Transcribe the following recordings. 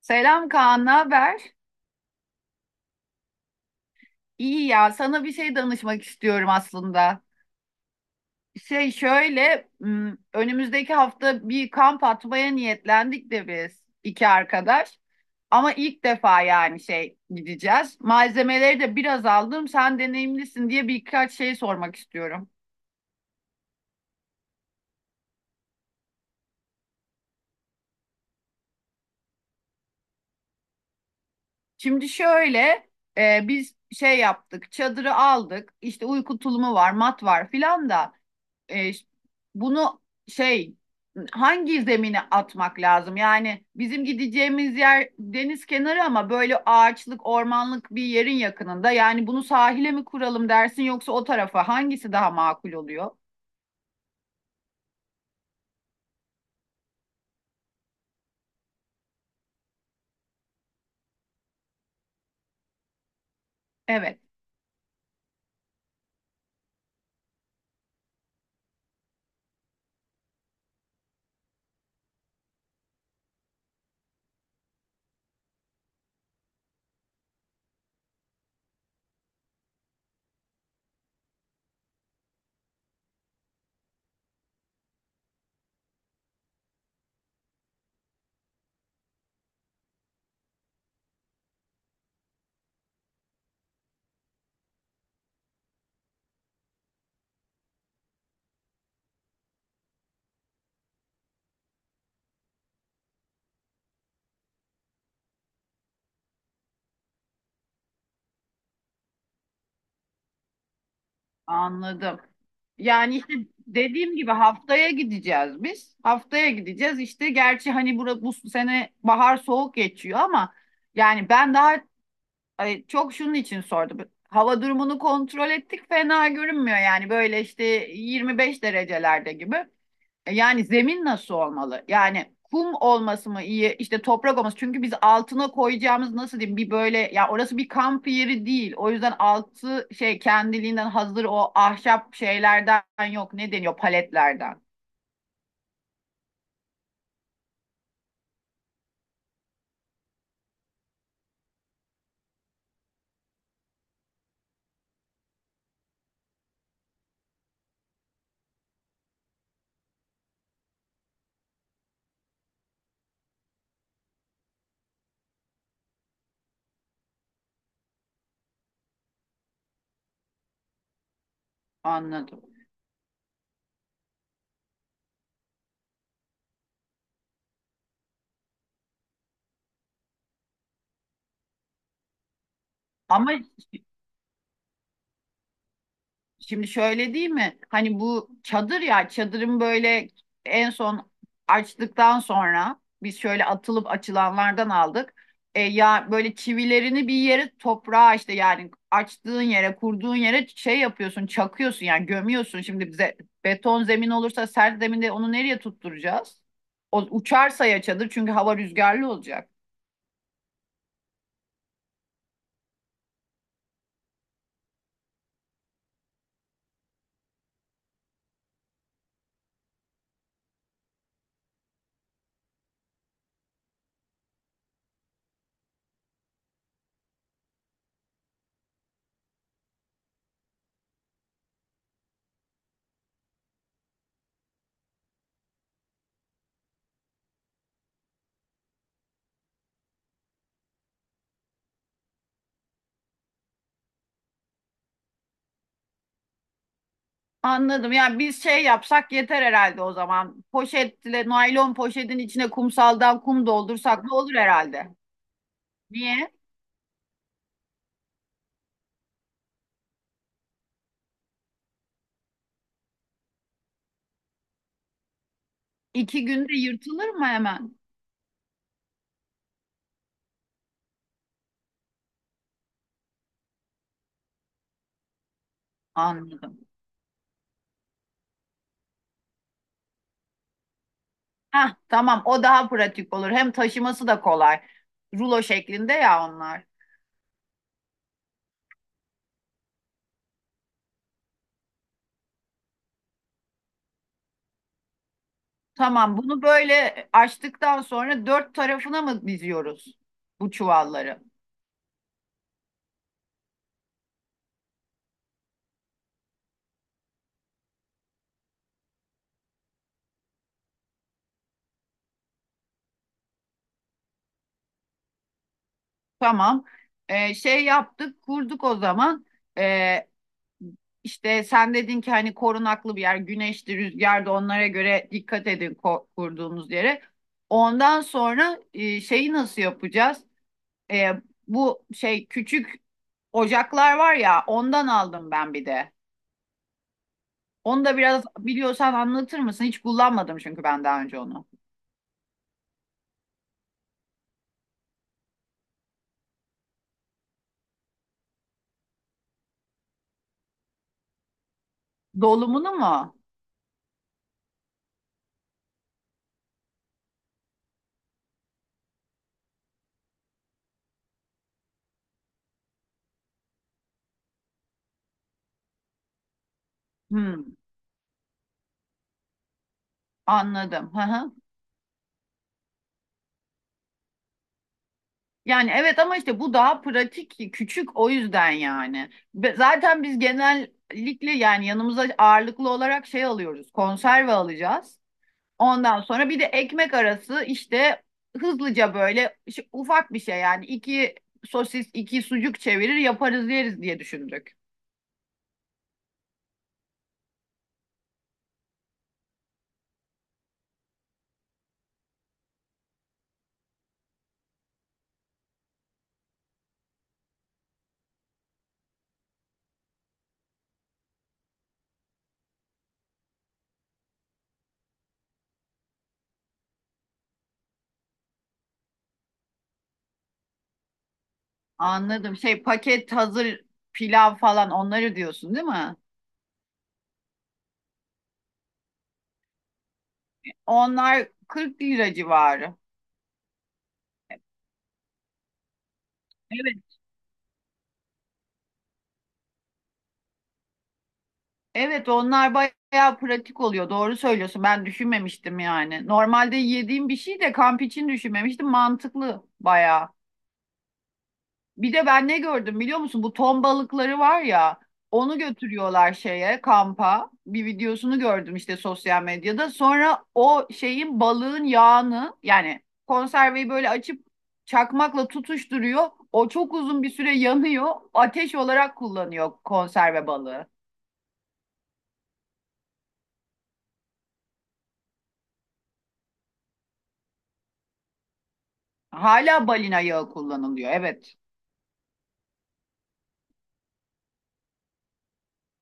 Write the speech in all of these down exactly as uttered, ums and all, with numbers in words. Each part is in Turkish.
Selam Kaan, ne haber? İyi ya, sana bir şey danışmak istiyorum aslında. Şey şöyle, m, önümüzdeki hafta bir kamp atmaya niyetlendik de biz iki arkadaş. Ama ilk defa yani şey gideceğiz. Malzemeleri de biraz aldım, sen deneyimlisin diye birkaç şey sormak istiyorum. Şimdi şöyle, e, Biz şey yaptık, çadırı aldık, İşte uyku tulumu var, mat var filan da. e, Bunu şey hangi zemine atmak lazım? Yani bizim gideceğimiz yer deniz kenarı ama böyle ağaçlık, ormanlık bir yerin yakınında. Yani bunu sahile mi kuralım dersin yoksa o tarafa hangisi daha makul oluyor? Evet, anladım. Yani işte dediğim gibi haftaya gideceğiz biz. Haftaya gideceğiz işte. Gerçi hani bura, bu sene bahar soğuk geçiyor ama yani ben daha... Ay, çok şunun için sordum. Hava durumunu kontrol ettik. Fena görünmüyor, yani böyle işte yirmi beş derecelerde gibi. E, Yani zemin nasıl olmalı? Yani kum olması mı iyi? İşte toprak olması. Çünkü biz altına koyacağımız, nasıl diyeyim, bir böyle ya, orası bir kamp yeri değil. O yüzden altı şey kendiliğinden hazır o ahşap şeylerden yok. Ne deniyor? Paletlerden. Anladım. Ama şimdi şöyle değil mi? Hani bu çadır, ya çadırın böyle en son açtıktan sonra biz şöyle atılıp açılanlardan aldık. E, ya böyle çivilerini bir yere toprağa, işte yani açtığın yere, kurduğun yere şey yapıyorsun, çakıyorsun yani, gömüyorsun. Şimdi bize beton zemin olursa, sert zeminde onu nereye tutturacağız? O uçarsa ya çadır, çünkü hava rüzgarlı olacak. Anladım. Yani biz şey yapsak yeter herhalde o zaman. Poşetle, naylon poşetin içine kumsaldan kum doldursak ne olur herhalde. Niye? İki günde yırtılır mı hemen? Anladım. Hah, tamam, o daha pratik olur. Hem taşıması da kolay. Rulo şeklinde ya onlar. Tamam, bunu böyle açtıktan sonra dört tarafına mı diziyoruz bu çuvalları? Tamam. Ee, şey yaptık, kurduk o zaman. Ee, işte sen dedin ki hani korunaklı bir yer, güneşli, rüzgarda onlara göre dikkat edin kurduğunuz yere. Ondan sonra e, şeyi nasıl yapacağız? E, bu şey küçük ocaklar var ya, ondan aldım ben bir de. Onu da biraz biliyorsan anlatır mısın? Hiç kullanmadım çünkü ben daha önce onu. Dolumunu mu? Hmm, anladım. Yani evet, ama işte bu daha pratik, küçük, o yüzden yani. Ve zaten biz genellikle yani yanımıza ağırlıklı olarak şey alıyoruz, konserve alacağız. Ondan sonra bir de ekmek arası işte hızlıca böyle işte ufak bir şey yani, iki sosis, iki sucuk çevirir yaparız, yeriz diye düşündük. Anladım. Şey, paket hazır pilav falan, onları diyorsun değil mi? Onlar kırk lira civarı. Evet. Evet, onlar bayağı pratik oluyor. Doğru söylüyorsun. Ben düşünmemiştim yani. Normalde yediğim bir şey de, kamp için düşünmemiştim. Mantıklı bayağı. Bir de ben ne gördüm biliyor musun? Bu ton balıkları var ya. Onu götürüyorlar şeye, kampa. Bir videosunu gördüm işte, sosyal medyada. Sonra o şeyin, balığın yağını yani, konserveyi böyle açıp çakmakla tutuşturuyor. O çok uzun bir süre yanıyor. Ateş olarak kullanıyor konserve balığı. Hala balina yağı kullanılıyor. Evet.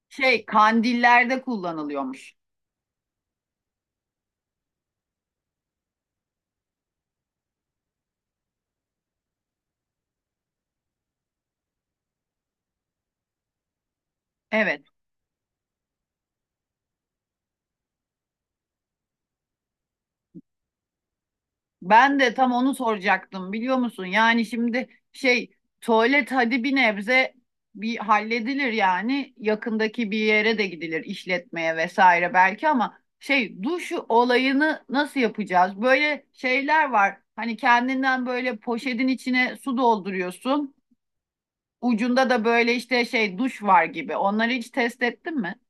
Şey, kandillerde kullanılıyormuş. Evet. Ben de tam onu soracaktım, biliyor musun? Yani şimdi şey, tuvalet hadi bir nebze bir halledilir yani. Yakındaki bir yere de gidilir, işletmeye vesaire belki, ama şey, duş olayını nasıl yapacağız? Böyle şeyler var. Hani kendinden böyle, poşetin içine su dolduruyorsun. Ucunda da böyle işte şey, duş var gibi. Onları hiç test ettin mi?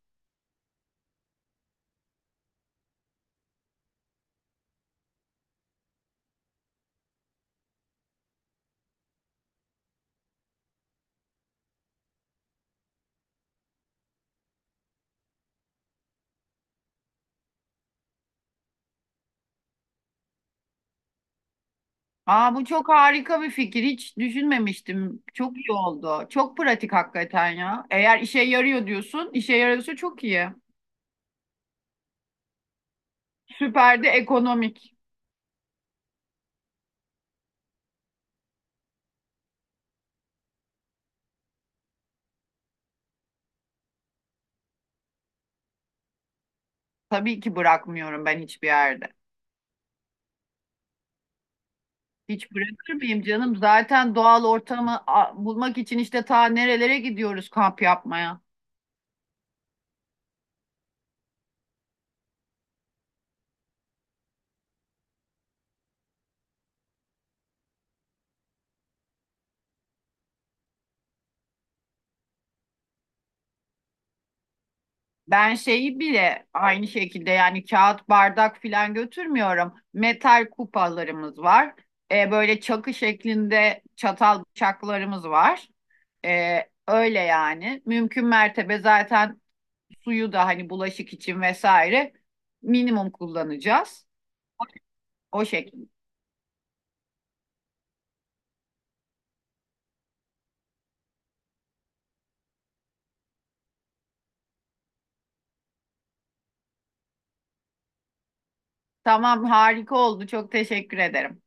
Aa, bu çok harika bir fikir. Hiç düşünmemiştim. Çok iyi oldu. Çok pratik hakikaten ya. Eğer işe yarıyor diyorsun, işe yarıyorsa çok iyi. Süper de ekonomik. Tabii ki bırakmıyorum ben hiçbir yerde. Hiç bırakır mıyım canım? Zaten doğal ortamı a, bulmak için işte ta nerelere gidiyoruz kamp yapmaya. Ben şeyi bile aynı şekilde, yani kağıt bardak filan götürmüyorum. Metal kupalarımız var. E, böyle çakı şeklinde çatal bıçaklarımız var. E, öyle yani. Mümkün mertebe zaten suyu da hani bulaşık için vesaire minimum kullanacağız. O şekilde. Tamam, harika oldu. Çok teşekkür ederim.